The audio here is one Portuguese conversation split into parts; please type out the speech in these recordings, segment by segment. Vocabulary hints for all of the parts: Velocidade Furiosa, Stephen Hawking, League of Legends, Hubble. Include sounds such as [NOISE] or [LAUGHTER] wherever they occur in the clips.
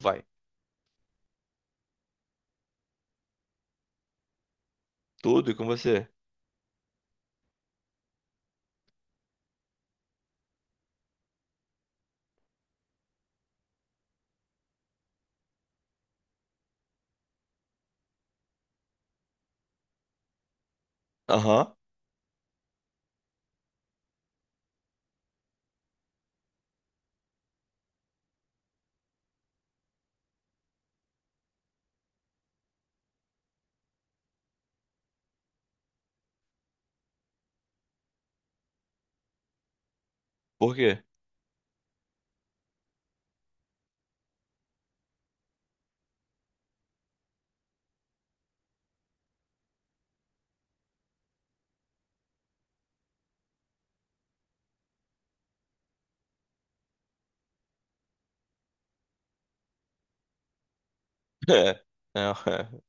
Vai. Tudo e com você? Aham. Por quê? [LAUGHS] É. É, é.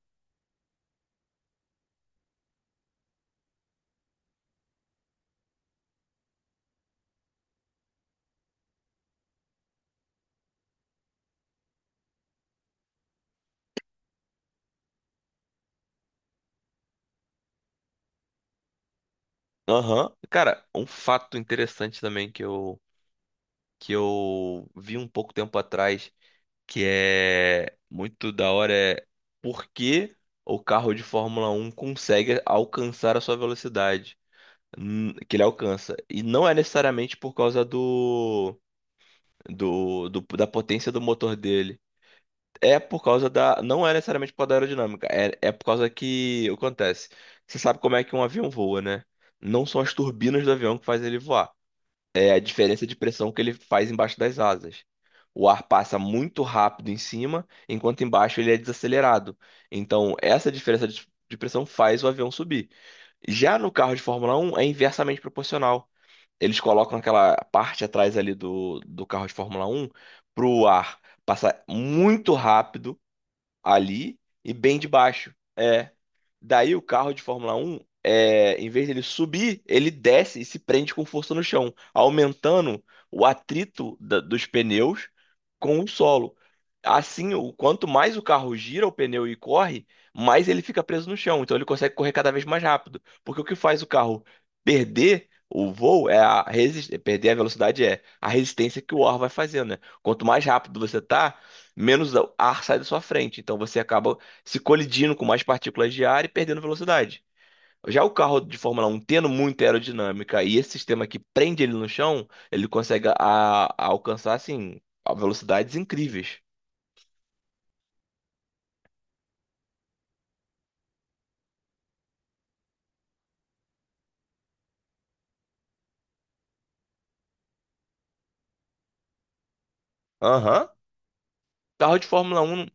Aham. Cara, um fato interessante também que eu vi um pouco tempo atrás, que é muito da hora, é por que o carro de Fórmula um consegue alcançar a sua velocidade que ele alcança. E não é necessariamente por causa da potência do motor dele. É por causa da. Não é necessariamente por causa da aerodinâmica. É por causa que. O que acontece? Você sabe como é que um avião voa, né? Não são as turbinas do avião que fazem ele voar. É a diferença de pressão que ele faz embaixo das asas. O ar passa muito rápido em cima, enquanto embaixo ele é desacelerado. Então, essa diferença de pressão faz o avião subir. Já no carro de Fórmula Um é inversamente proporcional. Eles colocam aquela parte atrás ali do carro de Fórmula Um para o ar passar muito rápido ali e bem de baixo. É. Daí o carro de Fórmula um é, em vez dele subir, ele desce e se prende com força no chão, aumentando o atrito dos pneus com o solo. Assim, o quanto mais o carro gira o pneu e corre, mais ele fica preso no chão. Então ele consegue correr cada vez mais rápido. Porque o que faz o carro perder o voo é a resistência, perder a velocidade é a resistência que o ar vai fazendo, né? Quanto mais rápido você tá, menos ar sai da sua frente. Então você acaba se colidindo com mais partículas de ar e perdendo velocidade. Já o carro de Fórmula Um tendo muita aerodinâmica e esse sistema que prende ele no chão, ele consegue a alcançar assim a velocidades incríveis. Aham. Carro de Fórmula Um?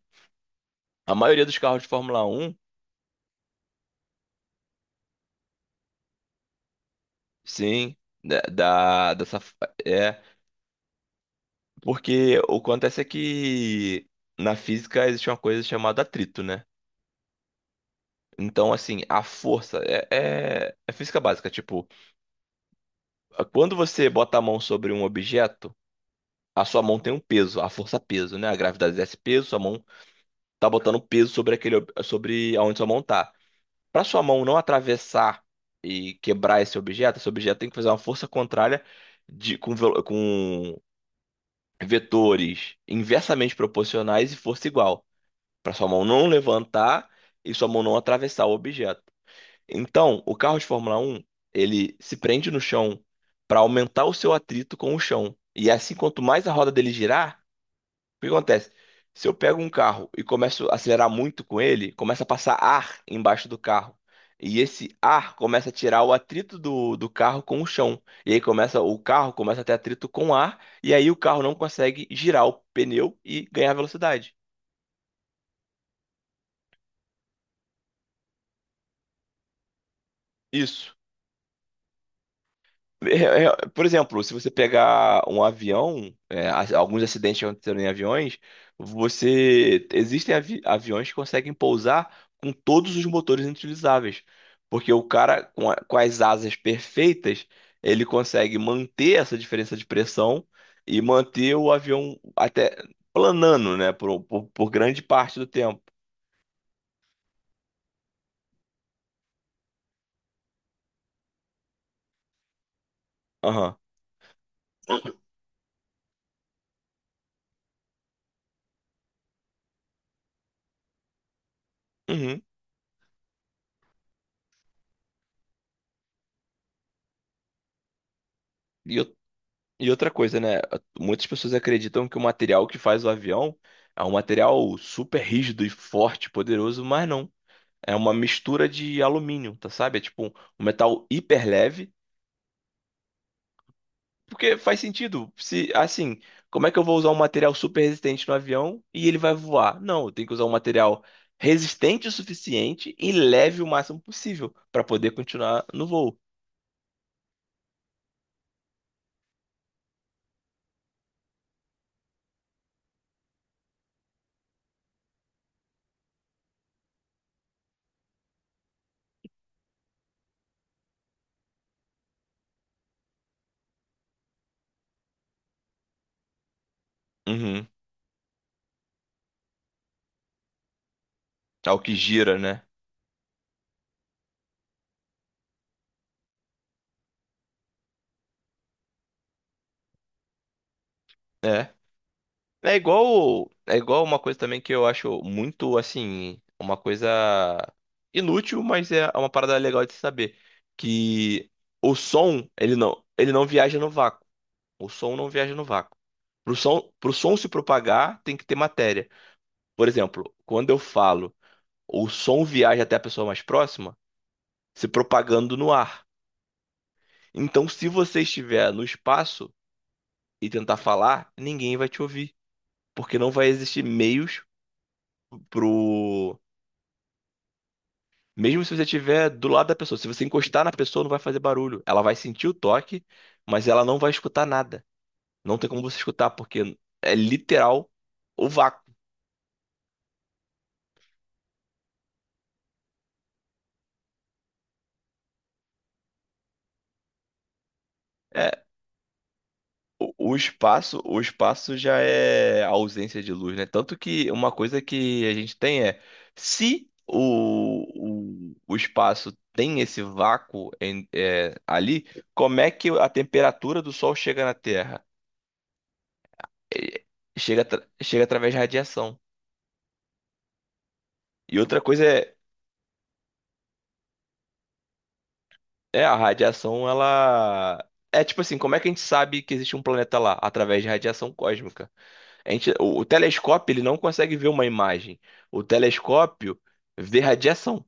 A maioria dos carros de Fórmula Um, sim, dessa é, porque o que acontece é que na física existe uma coisa chamada atrito, né? Então, assim, a força é física básica. Tipo, quando você bota a mão sobre um objeto, a sua mão tem um peso, a força peso, né? A gravidade exerce peso, sua mão tá botando peso sobre sobre aonde sua mão tá. Para sua mão não atravessar e quebrar esse objeto tem que fazer uma força contrária com vetores inversamente proporcionais e força igual, para sua mão não levantar e sua mão não atravessar o objeto. Então, o carro de Fórmula um ele se prende no chão para aumentar o seu atrito com o chão. E é assim, quanto mais a roda dele girar, o que acontece? Se eu pego um carro e começo a acelerar muito com ele, começa a passar ar embaixo do carro. E esse ar começa a tirar o atrito do carro com o chão. E aí começa, o carro começa a ter atrito com o ar, e aí o carro não consegue girar o pneu e ganhar velocidade. Isso. É, Por exemplo, se você pegar um avião, é, alguns acidentes que aconteceram em aviões, você aviões que conseguem pousar com todos os motores inutilizáveis, porque o cara com as asas perfeitas, ele consegue manter essa diferença de pressão e manter o avião até planando, né, por grande parte do tempo. Aham. Uhum. E eu E outra coisa, né? Muitas pessoas acreditam que o material que faz o avião é um material super rígido e forte, poderoso, mas não. É uma mistura de alumínio, tá sabe? É tipo um metal hiper leve. Porque faz sentido. Se, assim, como é que eu vou usar um material super resistente no avião e ele vai voar? Não, eu tenho que usar um material resistente o suficiente e leve o máximo possível para poder continuar no voo. Uhum. É o que gira, né? É. É igual uma coisa também que eu acho muito, assim, uma coisa inútil, mas é uma parada legal de se saber, que o som, ele não viaja no vácuo. O som não viaja no vácuo. Pro som se propagar, tem que ter matéria. Por exemplo, quando eu falo, o som viaja até a pessoa mais próxima, se propagando no ar. Então, se você estiver no espaço e tentar falar, ninguém vai te ouvir, porque não vai existir meios pro. Mesmo se você estiver do lado da pessoa, se você encostar na pessoa, não vai fazer barulho. Ela vai sentir o toque, mas ela não vai escutar nada. Não tem como você escutar, porque é literal o vácuo. É, o espaço, o espaço já é a ausência de luz, né? Tanto que uma coisa que a gente tem é se o espaço tem esse vácuo ali, como é que a temperatura do Sol chega na Terra? É, chega, chega através de radiação. E outra coisa é. É, a radiação, ela. É tipo assim, como é que a gente sabe que existe um planeta lá? Através de radiação cósmica. A gente... O telescópio, ele não consegue ver uma imagem. O telescópio vê radiação,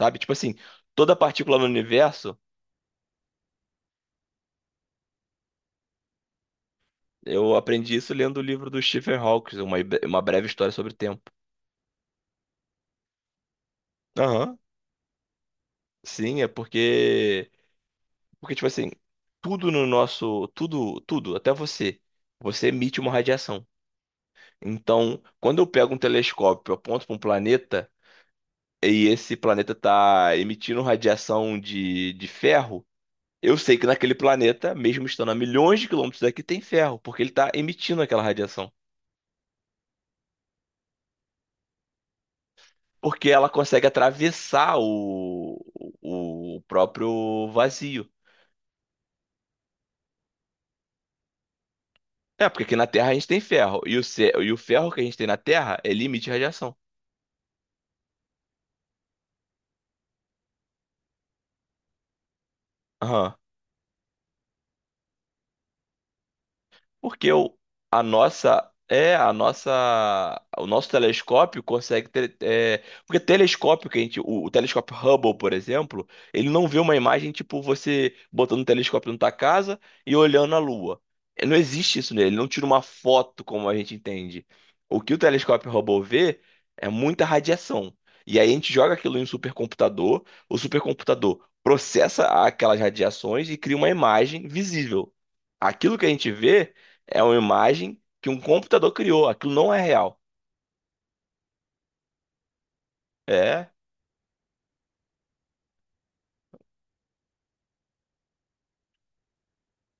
sabe? Tipo assim, toda partícula no universo, eu aprendi isso lendo o livro do Stephen Hawking, uma breve história sobre o tempo. Aham. Sim, é porque. Porque, tipo assim, tudo no nosso. Tudo, tudo, até você. Você emite uma radiação. Então, quando eu pego um telescópio, aponto para um planeta e esse planeta está emitindo radiação de ferro, eu sei que naquele planeta, mesmo estando a milhões de quilômetros daqui, tem ferro, porque ele está emitindo aquela radiação. Porque ela consegue atravessar o próprio vazio. É, porque aqui na Terra a gente tem ferro, e e o ferro que a gente tem na Terra, ele emite radiação. Porque o, a nossa é a nossa. O nosso telescópio consegue ter, é, porque telescópio que a gente o telescópio Hubble, por exemplo, ele não vê uma imagem tipo você botando um telescópio na tua casa e olhando a Lua. É, não existe isso nele, ele não tira uma foto como a gente entende. O que o telescópio Hubble vê é muita radiação. E aí a gente joga aquilo em um supercomputador, o supercomputador processa aquelas radiações e cria uma imagem visível. Aquilo que a gente vê é uma imagem que um computador criou. Aquilo não é real. É.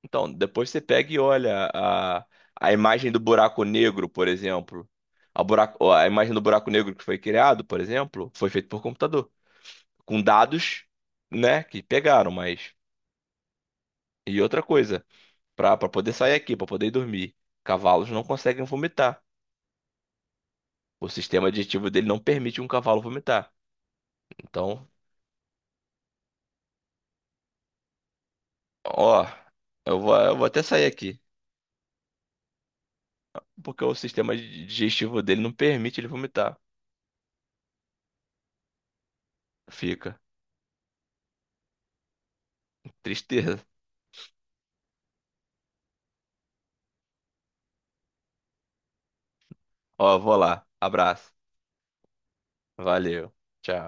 Então, depois você pega e a imagem do buraco negro, por exemplo. A imagem do buraco negro que foi criado, por exemplo, foi feito por computador. Com dados, né, que pegaram, mas. E outra coisa, para poder sair aqui, para poder ir dormir, cavalos não conseguem vomitar. O sistema digestivo dele não permite um cavalo vomitar. Então, ó, eu vou até sair aqui. Porque o sistema digestivo dele não permite ele vomitar. Fica. Tristeza. Ó, vou lá. Abraço. Valeu. Tchau.